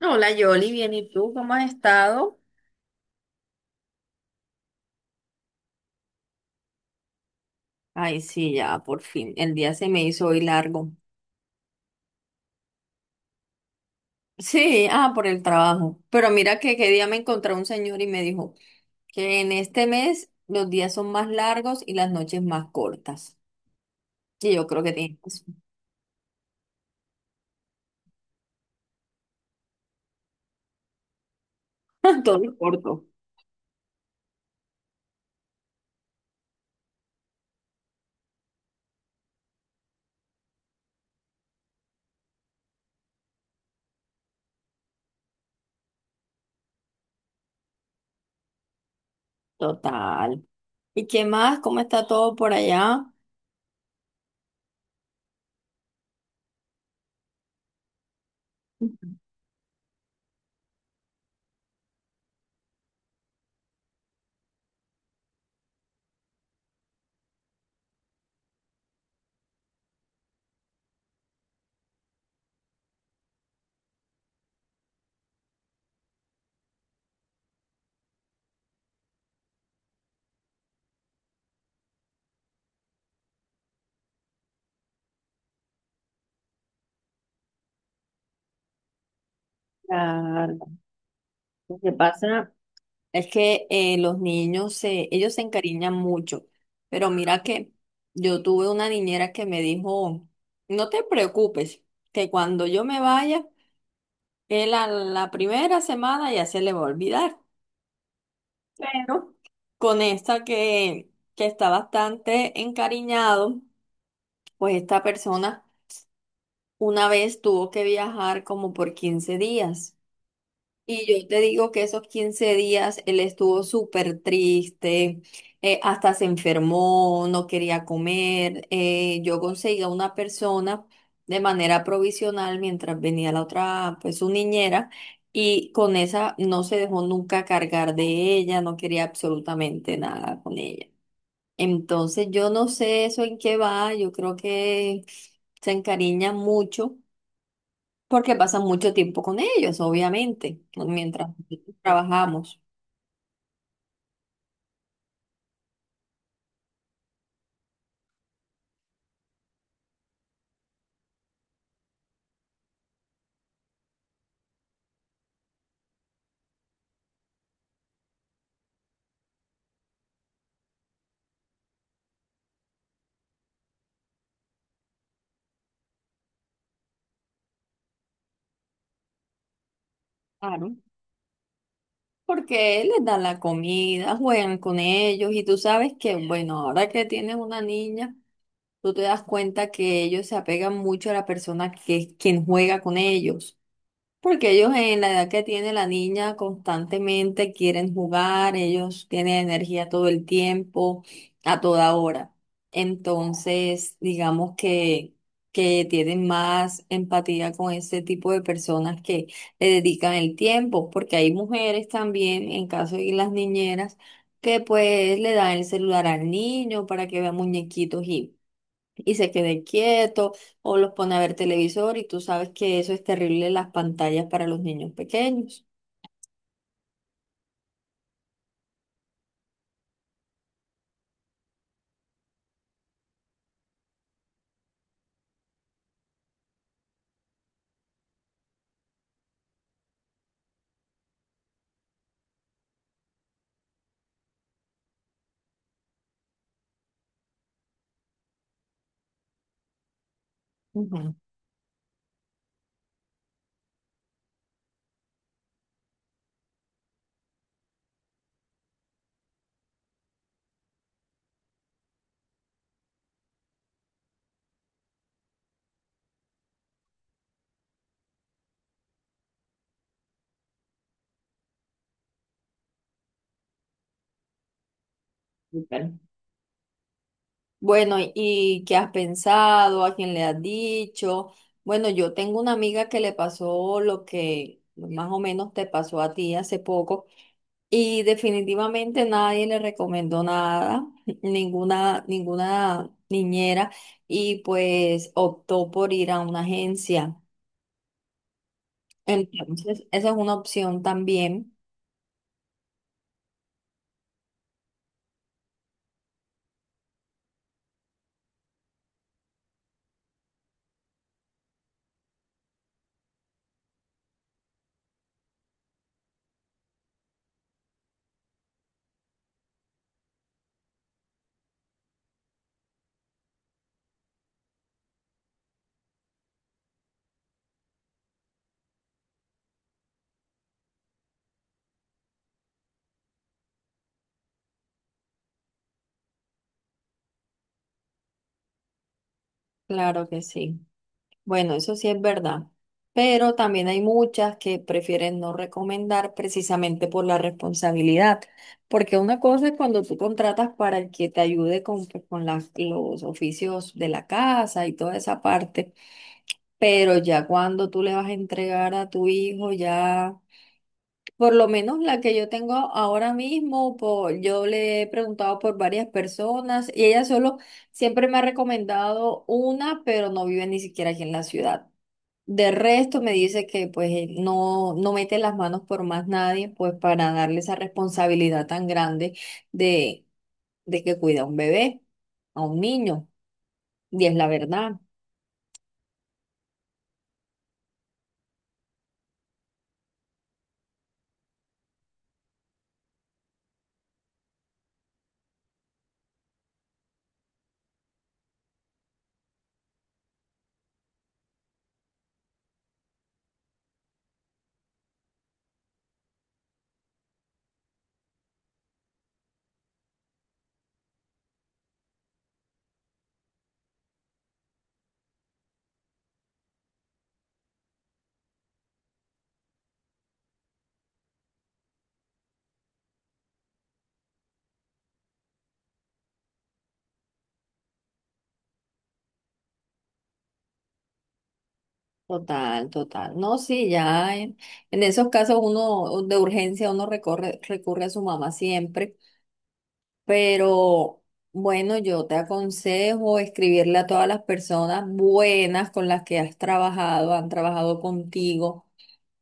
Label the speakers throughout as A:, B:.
A: Hola Yoli, bien, ¿y tú cómo has estado? Ay, sí, ya, por fin. El día se me hizo hoy largo. Sí, ah, por el trabajo. Pero mira que qué día me encontré un señor y me dijo que en este mes los días son más largos y las noches más cortas. Y yo creo que tiene razón. Todo es corto. Total. ¿Y qué más? ¿Cómo está todo por allá? Claro, ¿lo que pasa? Es que los niños ellos se encariñan mucho, pero mira que yo tuve una niñera que me dijo, no te preocupes, que cuando yo me vaya, él a la primera semana ya se le va a olvidar. Pero con esta que está bastante encariñado, pues esta persona una vez tuvo que viajar como por 15 días. Y yo te digo que esos 15 días él estuvo súper triste, hasta se enfermó, no quería comer. Yo conseguía una persona de manera provisional mientras venía la otra, pues su niñera, y con esa no se dejó nunca cargar de ella, no quería absolutamente nada con ella. Entonces yo no sé eso en qué va, yo creo que se encariña mucho porque pasan mucho tiempo con ellos, obviamente, ¿no?, mientras trabajamos. Claro. Porque les dan la comida, juegan con ellos y tú sabes que, bueno, ahora que tienes una niña, tú te das cuenta que ellos se apegan mucho a la persona que es quien juega con ellos. Porque ellos en la edad que tiene la niña constantemente quieren jugar, ellos tienen energía todo el tiempo, a toda hora. Entonces, digamos que tienen más empatía con ese tipo de personas que le dedican el tiempo, porque hay mujeres también, en caso de las niñeras, que pues le dan el celular al niño para que vea muñequitos y se quede quieto o los pone a ver televisor y tú sabes que eso es terrible las pantallas para los niños pequeños. Ujú, súper. Bueno, ¿y qué has pensado? ¿A quién le has dicho? Bueno, yo tengo una amiga que le pasó lo que más o menos te pasó a ti hace poco y definitivamente nadie le recomendó nada, ninguna niñera y pues optó por ir a una agencia. Entonces, esa es una opción también, claro que sí. Bueno, eso sí es verdad, pero también hay muchas que prefieren no recomendar precisamente por la responsabilidad, porque una cosa es cuando tú contratas para el que te ayude con, pues, con los oficios de la casa y toda esa parte, pero ya cuando tú le vas a entregar a tu hijo, ya... Por lo menos la que yo tengo ahora mismo, por, yo le he preguntado por varias personas y ella solo siempre me ha recomendado una, pero no vive ni siquiera aquí en la ciudad. De resto me dice que pues no, no mete las manos por más nadie, pues para darle esa responsabilidad tan grande de, de que cuida a un bebé, a un niño, y es la verdad. Total, total. No, sí, ya en esos casos uno de urgencia uno recurre a su mamá siempre. Pero bueno, yo te aconsejo escribirle a todas las personas buenas con las que has trabajado, han trabajado contigo,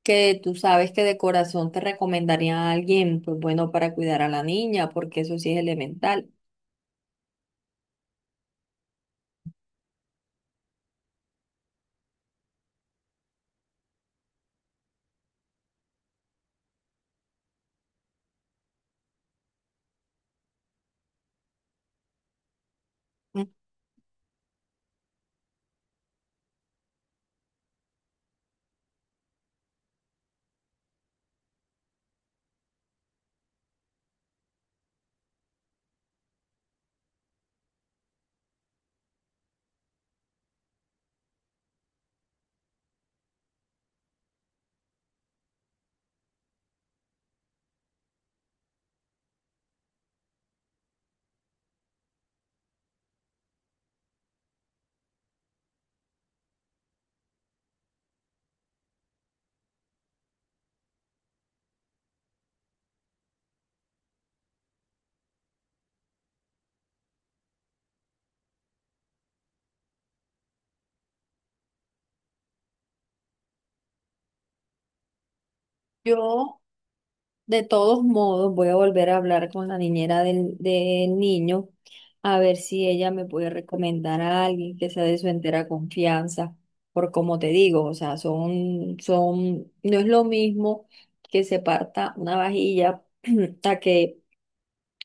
A: que tú sabes que de corazón te recomendaría a alguien, pues bueno, para cuidar a la niña, porque eso sí es elemental. Yo De todos modos, voy a volver a hablar con la niñera del niño a ver si ella me puede recomendar a alguien que sea de su entera confianza, por como te digo, o sea, son, no es lo mismo que se parta una vajilla a que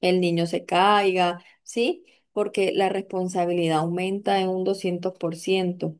A: el niño se caiga, ¿sí? Porque la responsabilidad aumenta en un 200 por ciento.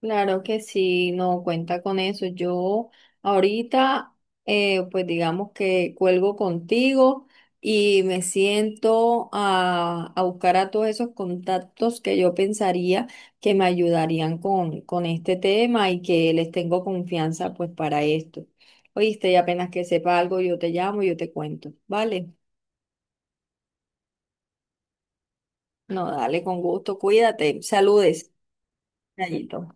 A: Claro que sí, no cuenta con eso. Yo ahorita, pues digamos que cuelgo contigo y me siento a buscar a todos esos contactos que yo pensaría que me ayudarían con este tema y que les tengo confianza pues para esto. Oíste, y apenas que sepa algo, yo te llamo y yo te cuento. ¿Vale? No, dale, con gusto. Cuídate. Saludes. Nayito.